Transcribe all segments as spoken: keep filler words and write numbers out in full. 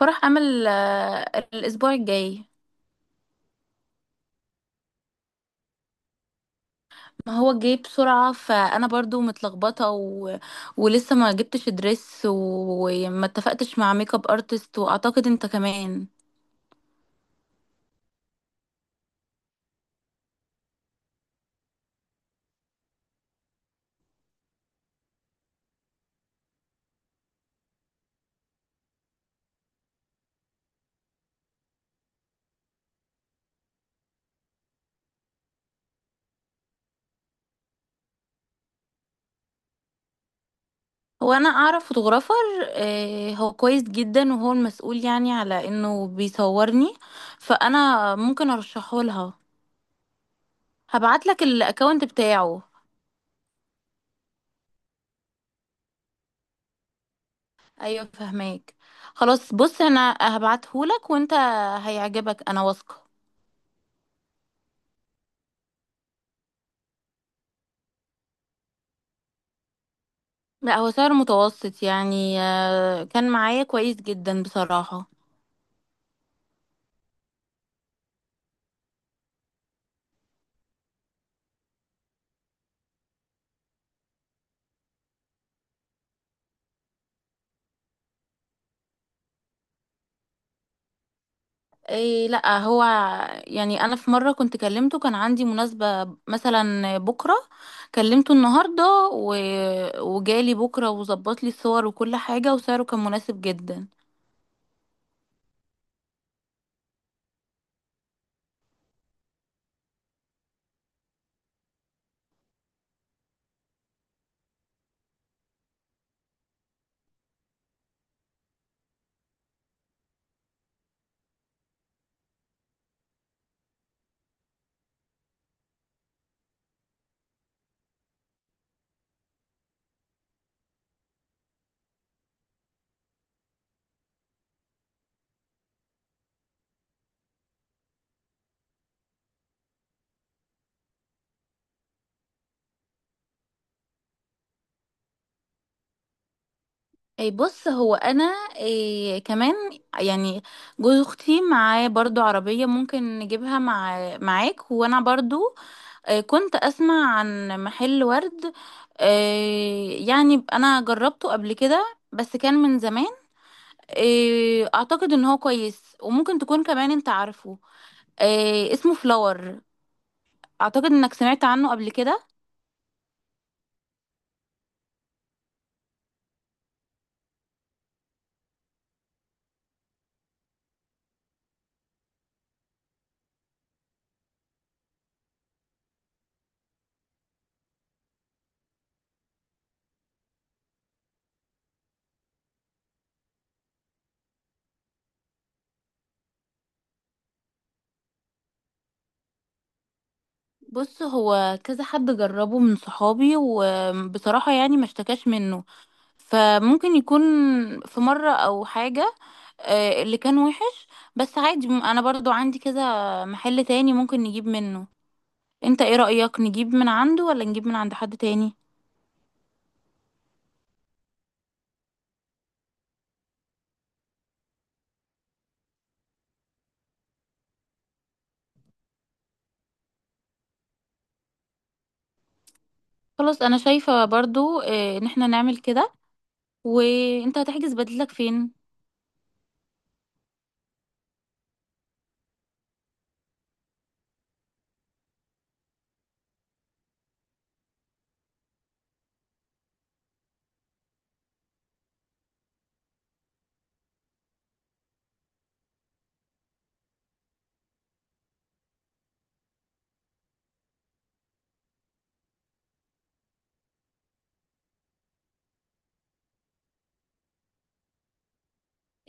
فرح عمل آه، الاسبوع الجاي. ما هو جاي بسرعة، فانا برضو متلخبطة و... ولسه ما جبتش دريس و- وما اتفقتش مع ميك اب ارتست، واعتقد انت كمان. هو انا اعرف فوتوغرافر، آه، هو كويس جدا، وهو المسؤول يعني على انه بيصورني، فانا ممكن ارشحه لها. هبعت لك الاكونت بتاعه. ايوه، فهماك. خلاص، بص انا هبعته لك وانت هيعجبك، انا واثقة. لا، هو سعر متوسط يعني، آه، كان معايا كويس جدا بصراحة. إيه، لا، هو يعني انا في مرة كنت كلمته، كان عندي مناسبة مثلا بكرة، كلمته النهاردة و... وجالي بكرة وظبط لي الصور وكل حاجة، وسعره كان مناسب جدا. إيه، بص هو انا. إيه كمان، يعني جوز اختي معاه برضو عربية، ممكن نجيبها مع معاك. وانا برضو آه، كنت أسمع عن محل ورد، آه، يعني أنا جربته قبل كده، بس كان من زمان. آه، أعتقد إن هو كويس، وممكن تكون كمان أنت عارفه. آه، اسمه فلاور، أعتقد إنك سمعت عنه قبل كده. بص، هو كذا حد جربه من صحابي، وبصراحة يعني ما اشتكاش منه. فممكن يكون في مرة أو حاجة آه، اللي كان وحش. بس عادي، م- أنا برضو عندي كذا محل تاني ممكن نجيب منه. انت ايه رأيك، نجيب من عنده ولا نجيب من عند حد تاني؟ خلاص، انا شايفة برضو اه، ان احنا نعمل كده. وانت هتحجز بديلك فين؟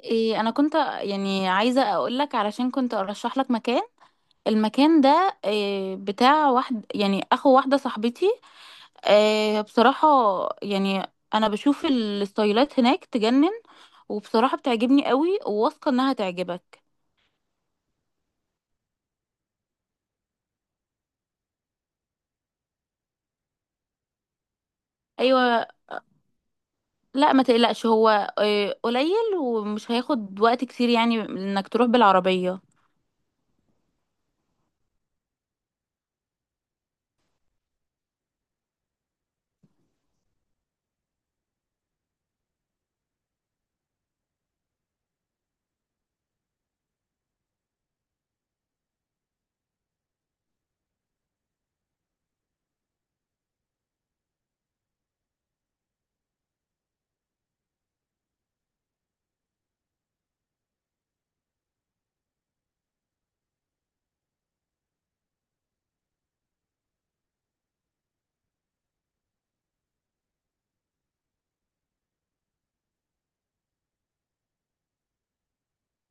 إيه، انا كنت يعني عايزة اقولك، علشان كنت ارشح لك مكان. المكان ده إيه، بتاع واحد يعني اخو واحدة صاحبتي. إيه بصراحة، يعني انا بشوف الستايلات هناك تجنن، وبصراحة بتعجبني قوي، وواثقة انها تعجبك. ايوه، لا ما تقلقش، هو آه، قليل ومش هياخد وقت كتير، يعني انك تروح بالعربية.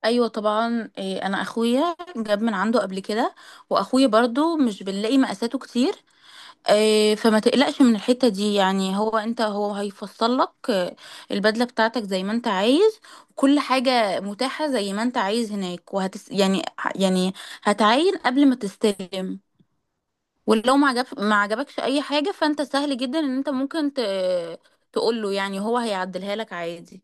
ايوه طبعا، آه، انا اخويا جاب من عنده قبل كده، واخويا برضو مش بنلاقي مقاساته كتير. آه، فما تقلقش من الحتة دي، يعني هو انت هو هيفصل لك آه، البدلة بتاعتك زي ما انت عايز. كل حاجة متاحة زي ما انت عايز هناك، وهتس يعني يعني هتعاين قبل ما تستلم. ولو ما عجب ما عجبكش اي حاجه، فانت سهل جدا ان انت ممكن ت... تقول له، يعني هو هيعدلها لك عادي.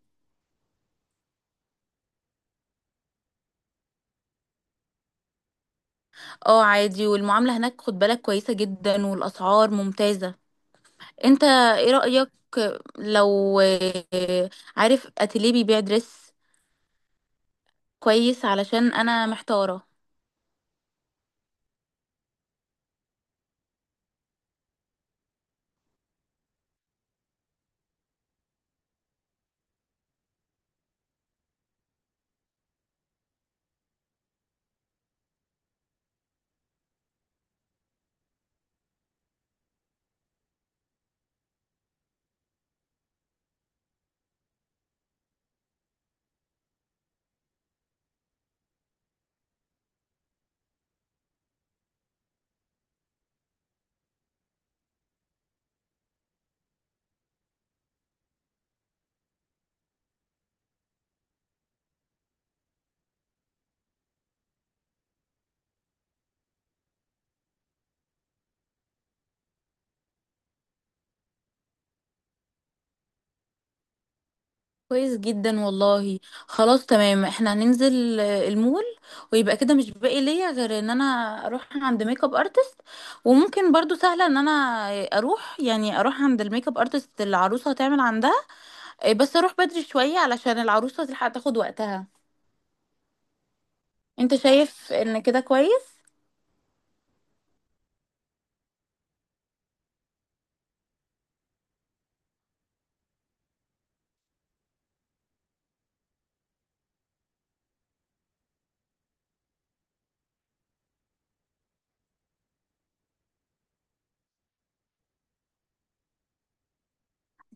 اه عادي، والمعامله هناك خد بالك كويسه جدا، والاسعار ممتازه. انت ايه رايك؟ لو آه، عارف اتيليه بيبيع دريس كويس، علشان انا محتاره. كويس جدا والله. خلاص تمام، احنا هننزل آه، المول. ويبقى كده مش باقي ليا غير ان انا اروح عند ميك اب ارتست. وممكن برضو سهله ان انا آه، اروح يعني اروح عند الميك اب ارتست اللي العروسه هتعمل عندها. آه، بس اروح بدري شويه علشان العروسه تلحق تاخد وقتها. انت شايف ان كده كويس؟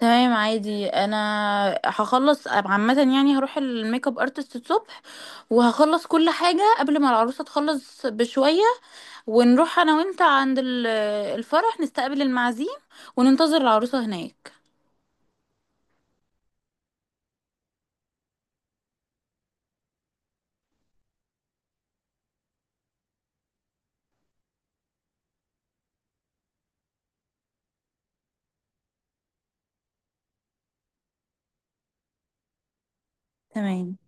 تمام عادي. انا هخلص عامه، يعني هروح الميك اب ارتست الصبح، وهخلص كل حاجه قبل ما العروسه تخلص بشويه. ونروح انا وانت عند ال- الفرح، نستقبل المعازيم وننتظر العروسة هناك. تمام،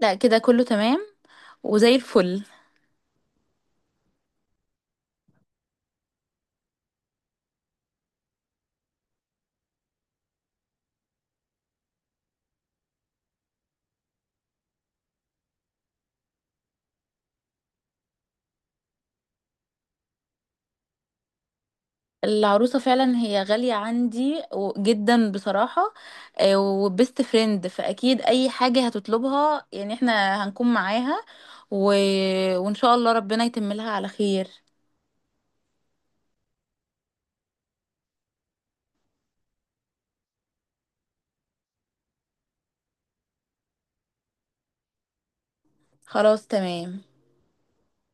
لا كده كله تمام، وزي الفل. العروسة فعلا هي غالية عندي و- جدا بصراحة. آه، وبست فريند، فأكيد أي حاجة هتطلبها يعني احنا هنكون معاها و... وإن شاء الله ربنا يتم لها على خير. خلاص تمام.